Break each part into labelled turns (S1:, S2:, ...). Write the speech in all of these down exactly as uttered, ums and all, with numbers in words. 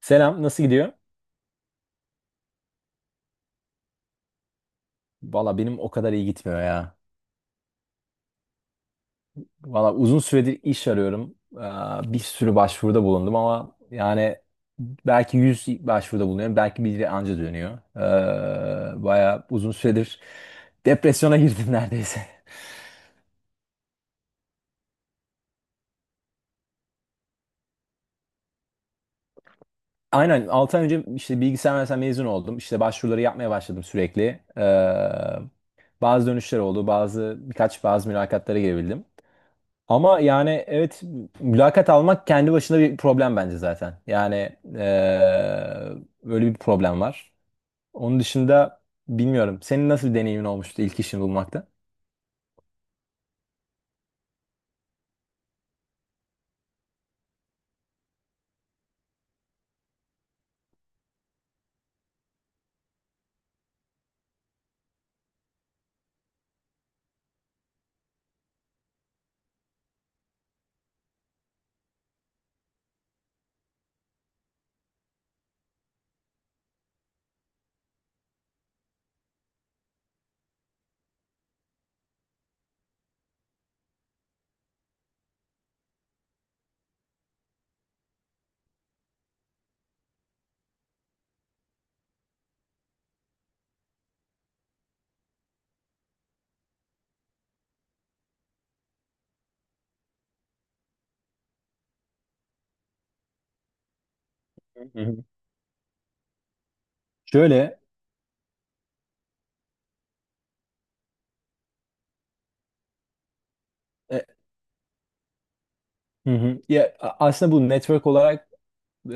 S1: Selam, nasıl gidiyor? Valla benim o kadar iyi gitmiyor ya. Valla uzun süredir iş arıyorum. Aa, Bir sürü başvuruda bulundum ama yani belki yüz başvuruda bulunuyorum. Belki biri anca dönüyor. Ee, Baya uzun süredir depresyona girdim neredeyse. Aynen altı ay önce işte bilgisayar mühendisliğinden mezun oldum. İşte başvuruları yapmaya başladım sürekli. Ee, bazı dönüşler oldu. Bazı birkaç bazı mülakatlara girebildim. Ama yani evet, mülakat almak kendi başına bir problem bence zaten. Yani eee, böyle bir problem var. Onun dışında bilmiyorum. Senin nasıl bir deneyimin olmuştu ilk işini bulmakta? Hı hı. Şöyle e, hı hı. Ya, a- aslında bu network olarak e,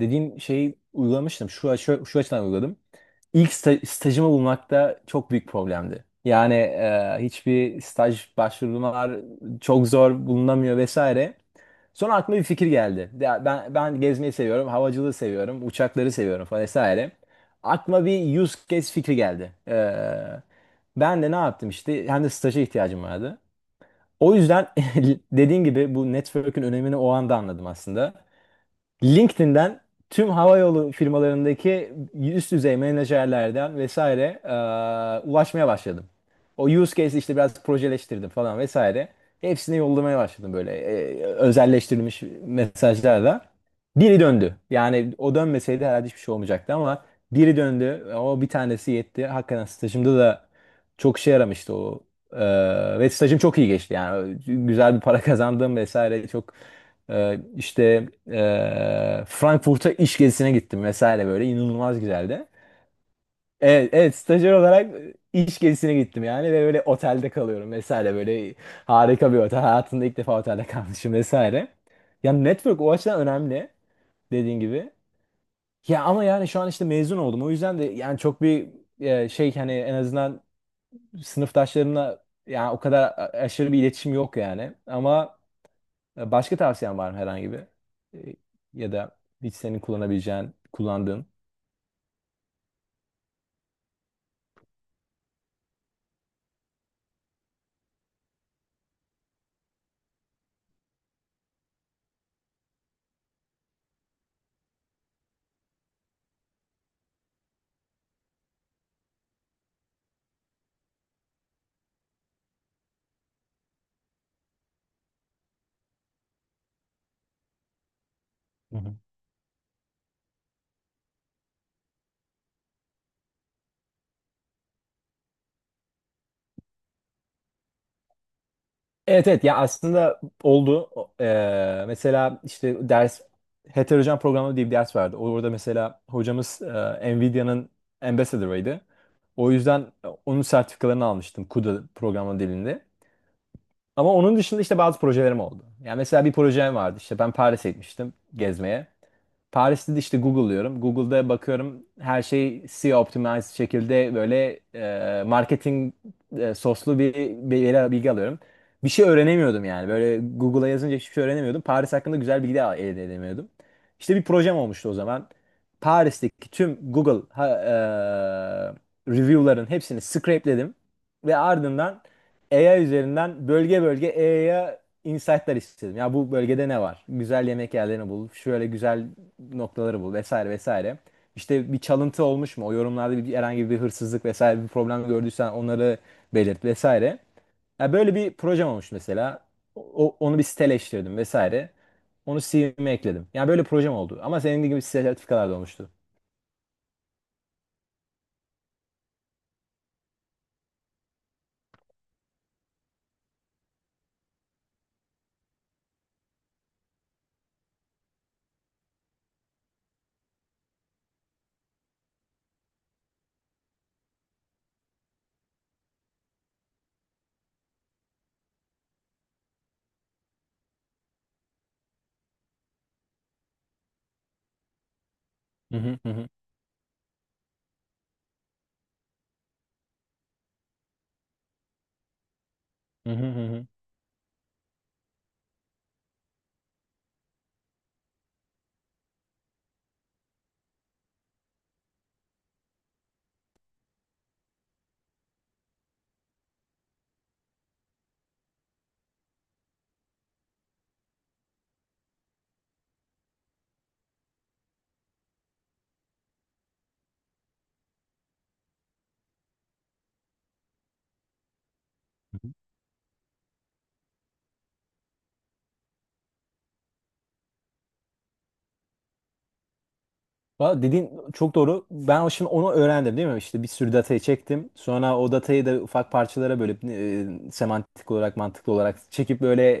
S1: dediğin şeyi uygulamıştım. Şu, şu, şu açıdan uyguladım. İlk sta- stajımı bulmakta çok büyük problemdi. Yani e, hiçbir staj başvurular çok zor bulunamıyor vesaire. Sonra aklıma bir fikir geldi. Ya ben ben gezmeyi seviyorum, havacılığı seviyorum, uçakları seviyorum falan vesaire. Aklıma bir use case fikri geldi. Ee, ben de ne yaptım işte, hem de staja ihtiyacım vardı. O yüzden dediğin gibi bu network'ün önemini o anda anladım aslında. LinkedIn'den tüm havayolu firmalarındaki üst düzey menajerlerden vesaire e, ulaşmaya başladım. O use case işte biraz projeleştirdim falan vesaire. Hepsine yollamaya başladım böyle e, özelleştirilmiş mesajlarla. Biri döndü. Yani o dönmeseydi herhalde hiçbir şey olmayacaktı ama biri döndü. O bir tanesi yetti. Hakikaten stajımda da çok işe yaramıştı o. E, ve stajım çok iyi geçti. Yani güzel bir para kazandım vesaire, çok ee, işte e, Frankfurt'a iş gezisine gittim vesaire, böyle inanılmaz güzeldi. Evet, evet, stajyer olarak iş gezisine gittim yani ve böyle otelde kalıyorum vesaire, böyle harika bir otel. Hayatımda ilk defa otelde kalmışım vesaire. Yani network o açıdan önemli, dediğin gibi. Ya ama yani şu an işte mezun oldum. O yüzden de yani çok bir e, şey, hani en azından sınıftaşlarımla yani o kadar a- aşırı bir iletişim yok yani. Ama e, başka tavsiyen var mı herhangi bir? E, Ya da hiç senin kullanabileceğin, kullandığın? Hı hı. Evet, evet, ya aslında oldu. O- e, mesela işte ders, heterojen programlama diye bir ders vardı. Orada mesela hocamız e, Nvidia'nın Ambassador'ıydı. O yüzden e, onun sertifikalarını almıştım, CUDA programlama dilinde. Ama onun dışında işte bazı projelerim oldu. Yani mesela bir projem vardı. İşte ben Paris'e gitmiştim gezmeye. Paris'te de işte Google'lıyorum. Google'da bakıyorum, her şey S E O optimized şekilde böyle e, marketing e, soslu bir, bir bilgi alıyorum. Bir şey öğrenemiyordum yani. Böyle Google'a yazınca hiçbir şey öğrenemiyordum. Paris hakkında güzel bilgi de elde edemiyordum. İşte bir projem olmuştu o zaman. Paris'teki tüm Google ha- e, review'ların hepsini scrapeledim ve ardından A I üzerinden bölge bölge A I'ya insight'lar istedim. Ya bu bölgede ne var? Güzel yemek yerlerini bul, şöyle güzel noktaları bul vesaire vesaire. İşte bir çalıntı olmuş mu? O yorumlarda bir, herhangi bir hırsızlık vesaire bir problem gördüysen onları belirt vesaire. Ya böyle bir projem olmuş mesela. O, onu bir siteleştirdim vesaire. Onu C V'me ekledim. Yani böyle projem oldu. Ama senin gibi sertifikalar da olmuştu. Hı hı. Hı hı, hı hı. Valla dediğin çok doğru. Ben o- şimdi onu öğrendim, değil mi? İşte bir sürü datayı çektim. Sonra o datayı da ufak parçalara bölüp e, semantik olarak, mantıklı olarak çekip böyle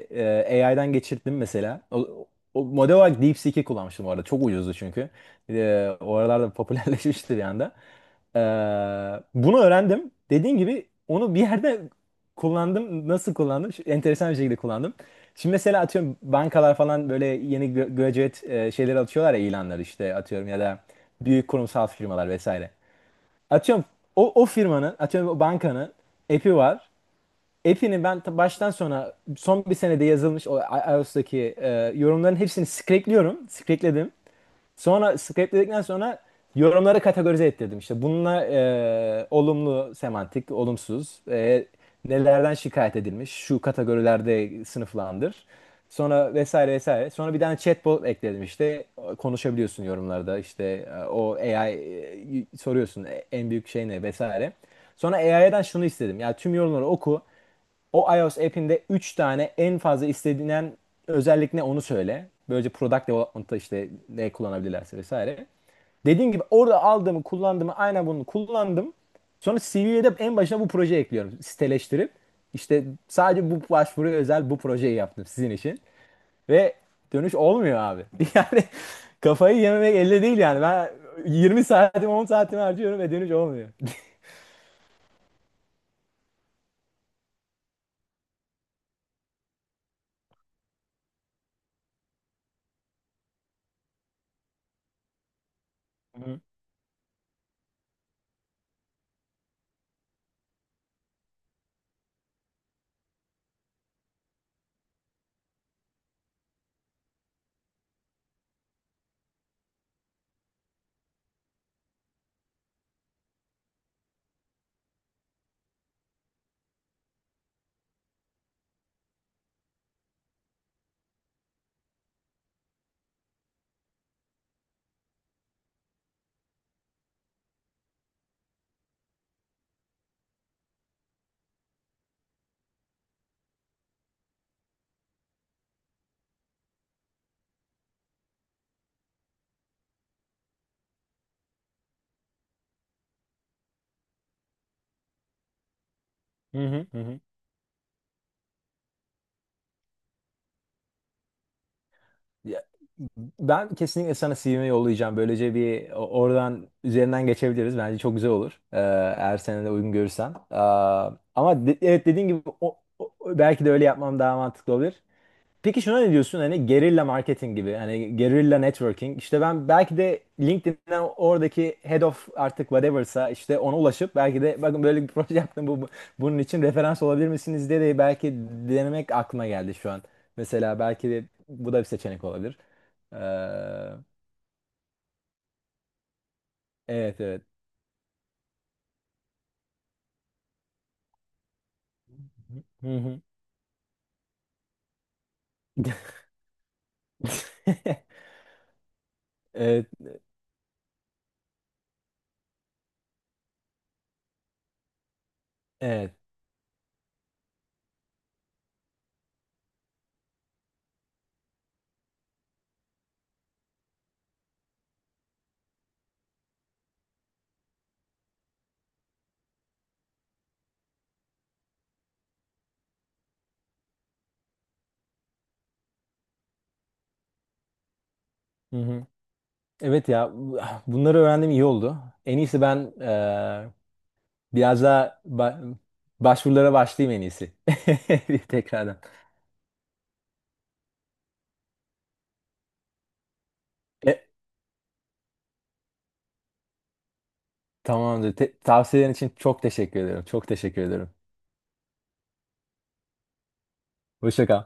S1: e, A I'dan geçirdim mesela. O, o model olarak DeepSeek'i kullanmıştım bu arada. Çok ucuzdu çünkü. E, o aralarda popülerleşmişti bir anda. E, Bunu öğrendim. Dediğin gibi onu bir yerde kullandım. Nasıl kullandım? Şu- enteresan bir şekilde kullandım. Şimdi mesela atıyorum, bankalar falan böyle yeni gö- graduate e, şeyleri atıyorlar ya, ilanları, işte atıyorum ya da büyük kurumsal firmalar vesaire. Atıyorum o, o firmanın, atıyorum o bankanın app'i var. App'ini ben ta- baştan sona, son bir senede yazılmış o i- iOS'taki e, yorumların hepsini scrape'liyorum. Scrape'ledim. Sonra scrape'ledikten sonra yorumları kategorize ettirdim. İşte bununla e, olumlu semantik, olumsuz, e, nelerden şikayet edilmiş, şu kategorilerde sınıflandır. Sonra vesaire vesaire. Sonra bir tane chatbot ekledim işte. Konuşabiliyorsun yorumlarda işte, e, o A I, e, soruyorsun e, en büyük şey ne vesaire. Sonra A I'den şunu istedim. Ya tüm yorumları oku. O iOS app'inde üç tane en fazla istenilen özellik ne, onu söyle. Böylece product development'ta işte ne kullanabilirlerse vesaire. Dediğim gibi, orada aldığımı kullandığımı, aynen bunu kullandım. Sonra C V'ye de en başına bu projeyi ekliyorum. Siteleştirip, işte sadece bu başvuruya özel bu projeyi yaptım sizin için. Ve dönüş olmuyor abi. Yani kafayı yememek elde değil yani. Ben yirmi saatimi, on saatimi harcıyorum ve dönüş olmuyor. Hı hı. Hı. Ya, ben kesinlikle sana C V'mi yollayacağım. Böylece bir o- oradan, üzerinden geçebiliriz. Bence çok güzel olur. Ee, eğer sen de uygun görürsen. Ee, ama de- evet, dediğin gibi o- o- belki de öyle yapmam daha mantıklı olur. Peki şuna ne diyorsun, hani gerilla marketing gibi, hani gerilla networking, işte ben belki de LinkedIn'den oradaki head of, artık whatever'sa, işte ona ulaşıp belki de "bakın böyle bir proje yaptım, bu, bu- bunun için referans olabilir misiniz" diye de belki denemek aklıma geldi şu an. Mesela belki de bu da bir seçenek olabilir. Ee, evet, evet. Hı hı. Evet, evet. Hı hı. Evet ya, bunları öğrendim iyi oldu. En iyisi ben biraz daha ba- başvurulara başlayayım en iyisi. Bir tekrardan. E, tamamdır. Te- tavsiyelerin için çok teşekkür ediyorum. Çok teşekkür ediyorum. Hoşça kal.